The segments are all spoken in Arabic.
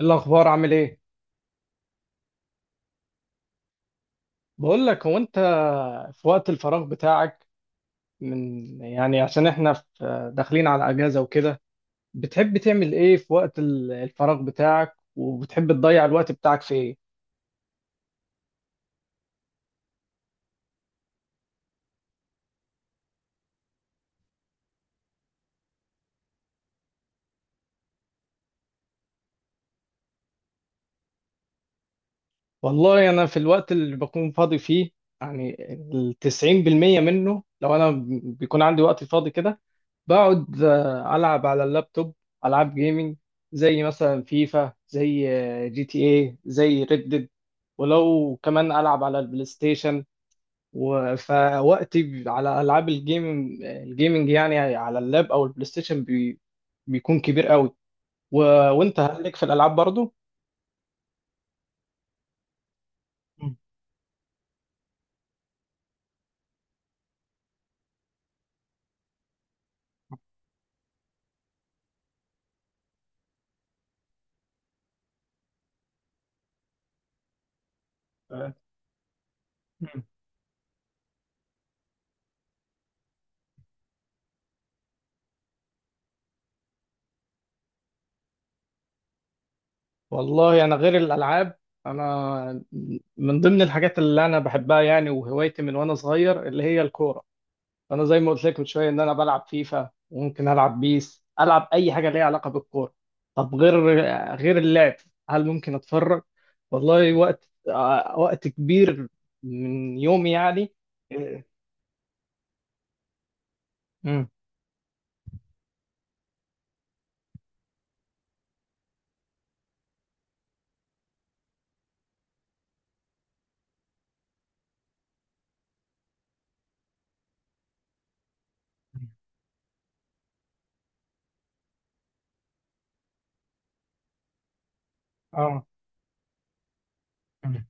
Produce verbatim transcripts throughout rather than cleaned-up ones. الأخبار عامل إيه؟ بقول لك هو أنت في وقت الفراغ بتاعك من يعني عشان إحنا في داخلين على أجازة وكده. بتحب تعمل إيه في وقت ال- الفراغ بتاعك، وبتحب تضيع الوقت بتاعك في إيه؟ والله أنا في الوقت اللي بكون فاضي فيه، يعني التسعين بالمية منه، لو أنا بيكون عندي وقت فاضي كده بقعد آه، ألعب على اللابتوب، ألعاب جيمنج، زي مثلا فيفا، زي آه، جي تي اي، زي ريد ديد، ولو كمان ألعب على البلاي ستيشن، و- فوقتي على ألعاب الجيمنج الجيمنج يعني على اللاب أو البلاي ستيشن بي... بيكون كبير قوي و... وأنت هل لك في الألعاب برضو؟ مم. والله انا غير الالعاب انا من ضمن الحاجات اللي انا بحبها، يعني وهوايتي من وانا صغير اللي هي الكوره. انا زي ما قلت لك من شويه ان انا بلعب فيفا، وممكن العب بيس، العب اي حاجه ليها علاقه بالكوره. طب غير غير اللعب، هل ممكن اتفرج؟ والله وقت آه، وقت كبير من يومي يعني. إيه، مم. اه. مم.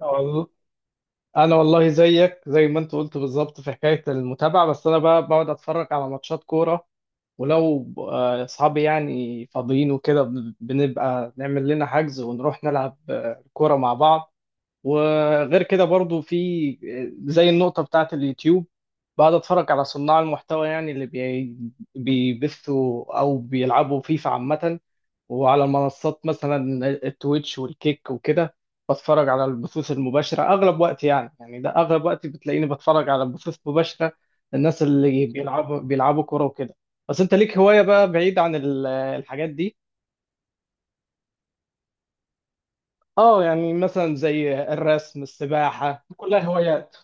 مم. انا والله زيك زي ما انت قلت بالظبط في حكايه المتابعه، بس انا بقى بقعد اتفرج على ماتشات كوره، ولو آه، اصحابي يعني فاضيين وكده بن- بنبقى نعمل لنا حجز ونروح نلعب آه، كوره مع بعض، وغير كده برضو في آه، زي النقطه بتاعه اليوتيوب، بقعد اتفرج على صناع المحتوى، يعني اللي بي- بيبثوا او بيلعبوا فيفا عامه، وعلى منصات مثلا التويتش والكيك وكده، بتفرج على البثوث المباشرة أغلب وقتي، يعني يعني ده أغلب وقتي، بتلاقيني بتفرج على بثوث مباشرة الناس اللي بيلعبوا بيلعبوا كورة وكده. بس أنت ليك هواية بقى بعيد عن ال- الحاجات دي؟ اه يعني مثلا زي الرسم، السباحة، كلها هوايات.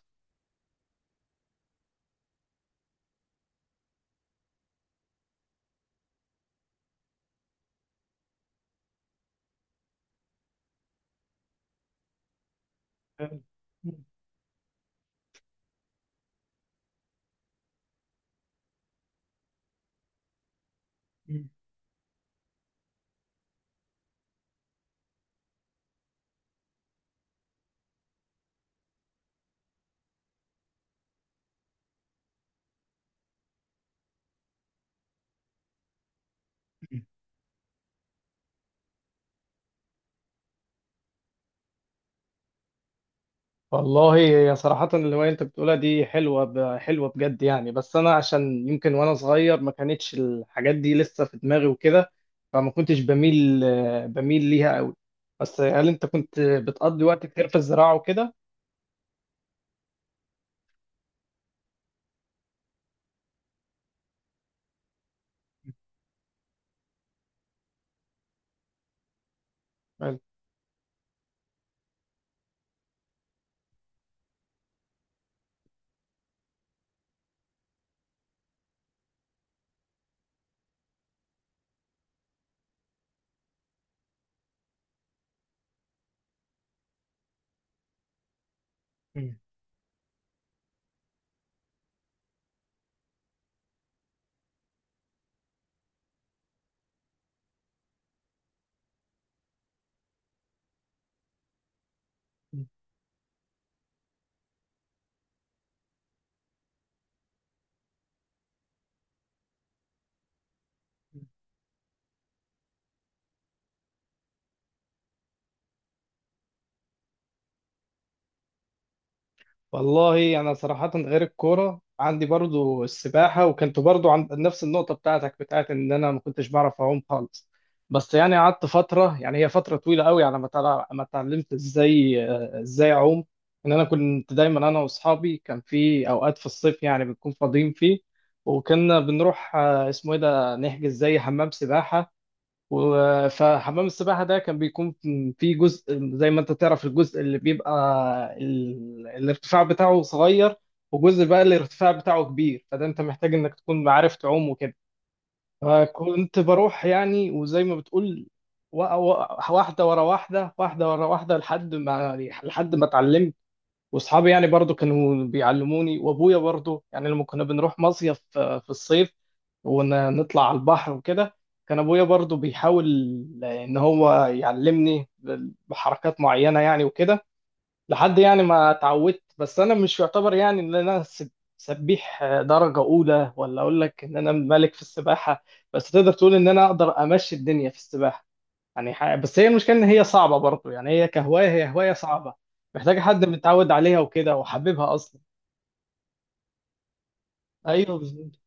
والله هي صراحة الهواية اللي انت بتقولها دي حلوة ب... حلوة بجد يعني، بس انا عشان يمكن وانا صغير ما كانتش الحاجات دي لسه في دماغي وكده، فما كنتش بميل بميل ليها قوي، بس هل انت كنت بتقضي وقت كتير في الزراعة وكده؟ حلو. والله انا صراحه غير الكوره عندي برضو السباحه، وكنت برضو عند نفس النقطه بتاعتك، بتاعت ان انا ما كنتش بعرف اعوم خالص، بس يعني قعدت فتره، يعني هي فتره طويله قوي على ما تع- ما اتعلمت ازاي آه، ازاي اعوم، ان انا كنت دايما انا واصحابي كان في اوقات في الصيف، يعني بنكون فاضيين فيه، وكنا بنروح آه، اسمه ايه ده نحجز زي حمام سباحه، و- فحمام السباحة ده كان بيكون فيه جزء، زي ما انت تعرف الجزء اللي بيبقى ال... الارتفاع بتاعه صغير، وجزء بقى الارتفاع بتاعه كبير، فده انت محتاج انك تكون عارف تعوم وكده. فكنت بروح يعني، وزي ما بتقول وا- وا- واحدة ورا واحدة، واحدة ورا واحدة، لحد ما لحد ما اتعلمت، واصحابي يعني برضو كانوا بيعلموني، وابويا برضو يعني لما كنا بنروح مصيف في في الصيف ونطلع على البحر وكده، كان ابويا برضو بيحاول آه، ان هو يعلمني بحركات معينة يعني وكده، لحد يعني ما اتعودت. بس انا مش يعتبر يعني ان انا سب- سبيح آه، درجة اولى، ولا اقول لك ان انا ملك في السباحة، بس تقدر تقول ان انا اقدر امشي الدنيا في السباحة يعني، ح... بس هي المشكله ان هي صعبه برضو، يعني هي كهوايه هي هوايه صعبه، محتاجه حد متعود عليها وكده وحبيبها اصلا. ايوه بالظبط.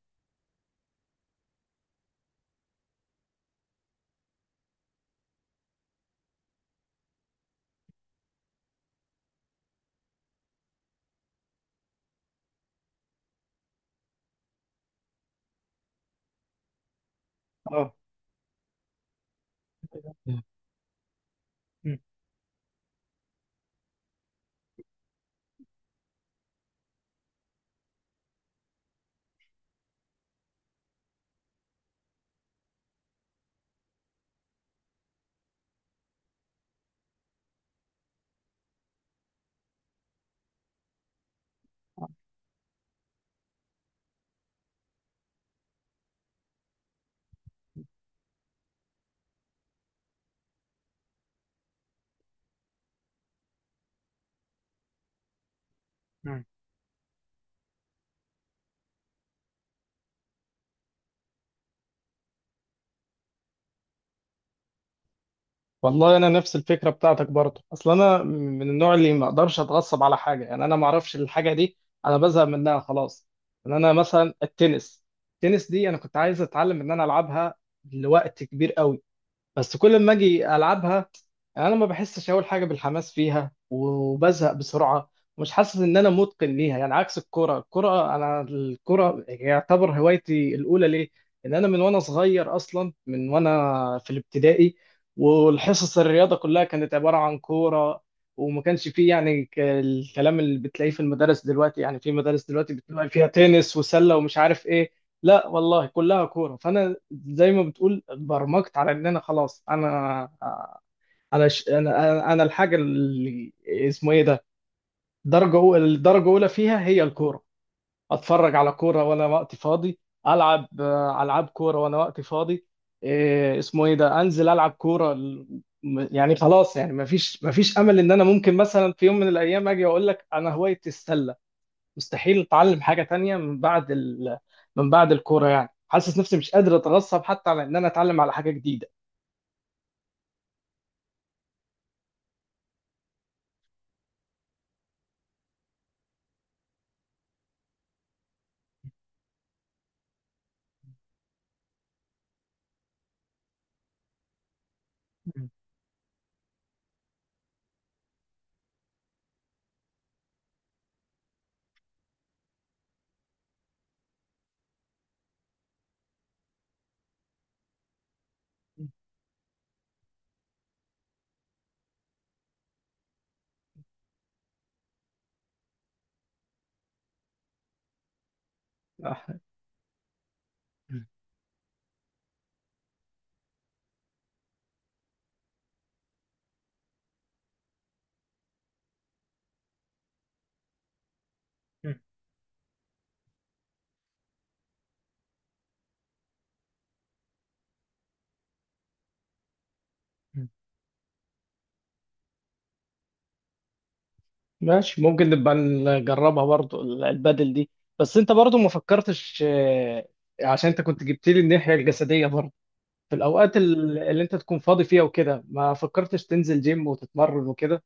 اه. م- م. والله انا نفس الفكره بتاعتك برضو، اصل انا من النوع اللي ما اقدرش اتغصب على حاجه، يعني انا ما اعرفش الحاجه دي انا بزهق منها خلاص، يعني انا مثلا التنس التنس دي انا كنت عايز اتعلم ان انا العبها لوقت كبير قوي، بس كل ما اجي العبها، يعني انا ما بحسش اول حاجه بالحماس فيها وبزهق بسرعه، ومش حاسس ان انا متقن ليها، يعني عكس الكره الكره انا الكره يعتبر هوايتي الاولى ليه، ان انا من وانا صغير اصلا، من وانا في الابتدائي، والحصص الرياضه كلها كانت عباره عن كوره، وما كانش فيه يعني ك- الكلام اللي بتلاقيه في المدارس دلوقتي، يعني في مدارس دلوقتي بتلاقي فيها تنس وسله ومش عارف ايه، لا والله كلها كوره، فانا زي ما بتقول اتبرمجت على ان انا خلاص انا انا ش... انا انا أنا الحاجه اللي اسمه ايه ده، درجه اولى الدرجه اولى فيها هي الكوره، اتفرج على كوره وانا وقتي فاضي، العب آه، العاب كوره وانا وقتي فاضي، إيه اسمه ايه ده، انزل العب كوره ال- م- يعني خلاص، يعني ما فيش ما فيش امل ان انا ممكن مثلا في يوم من الايام اجي واقول لك انا هوايتي السله، مستحيل اتعلم حاجه تانية من بعد ال... من بعد الكوره، يعني حاسس نفسي مش قادر اتغصب حتى على ان انا اتعلم على حاجه جديده. ماشي، ممكن نبقى نجربها برضو ال- البدل دي، بس انت برضو ما فكرتش آه، عشان انت كنت جبت لي الناحية الجسدية برضو، في الاوقات ال- اللي انت تكون فاضي فيها وكده، ما فكرتش تنزل جيم وتتمرن وكده؟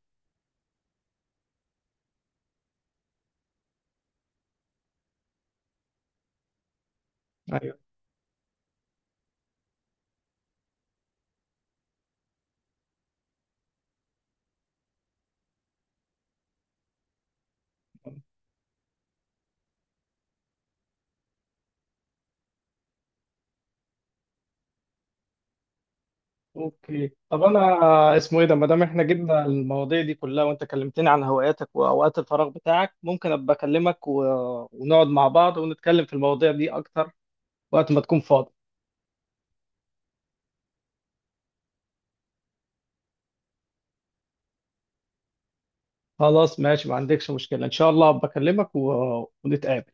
ايوه. اوكي طب انا، اسمه ايه ده، ما دام احنا جبنا المواضيع دي كلها، وانت كلمتني عن هواياتك واوقات الفراغ بتاعك، ممكن ابقى اكلمك و... ونقعد مع بعض ونتكلم في المواضيع دي اكتر وقت ما تكون فاضي. خلاص ماشي، ما عندكش مشكلة، ان شاء الله ابقى اكلمك و... ونتقابل.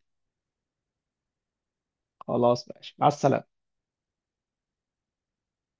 خلاص ماشي، مع السلامة.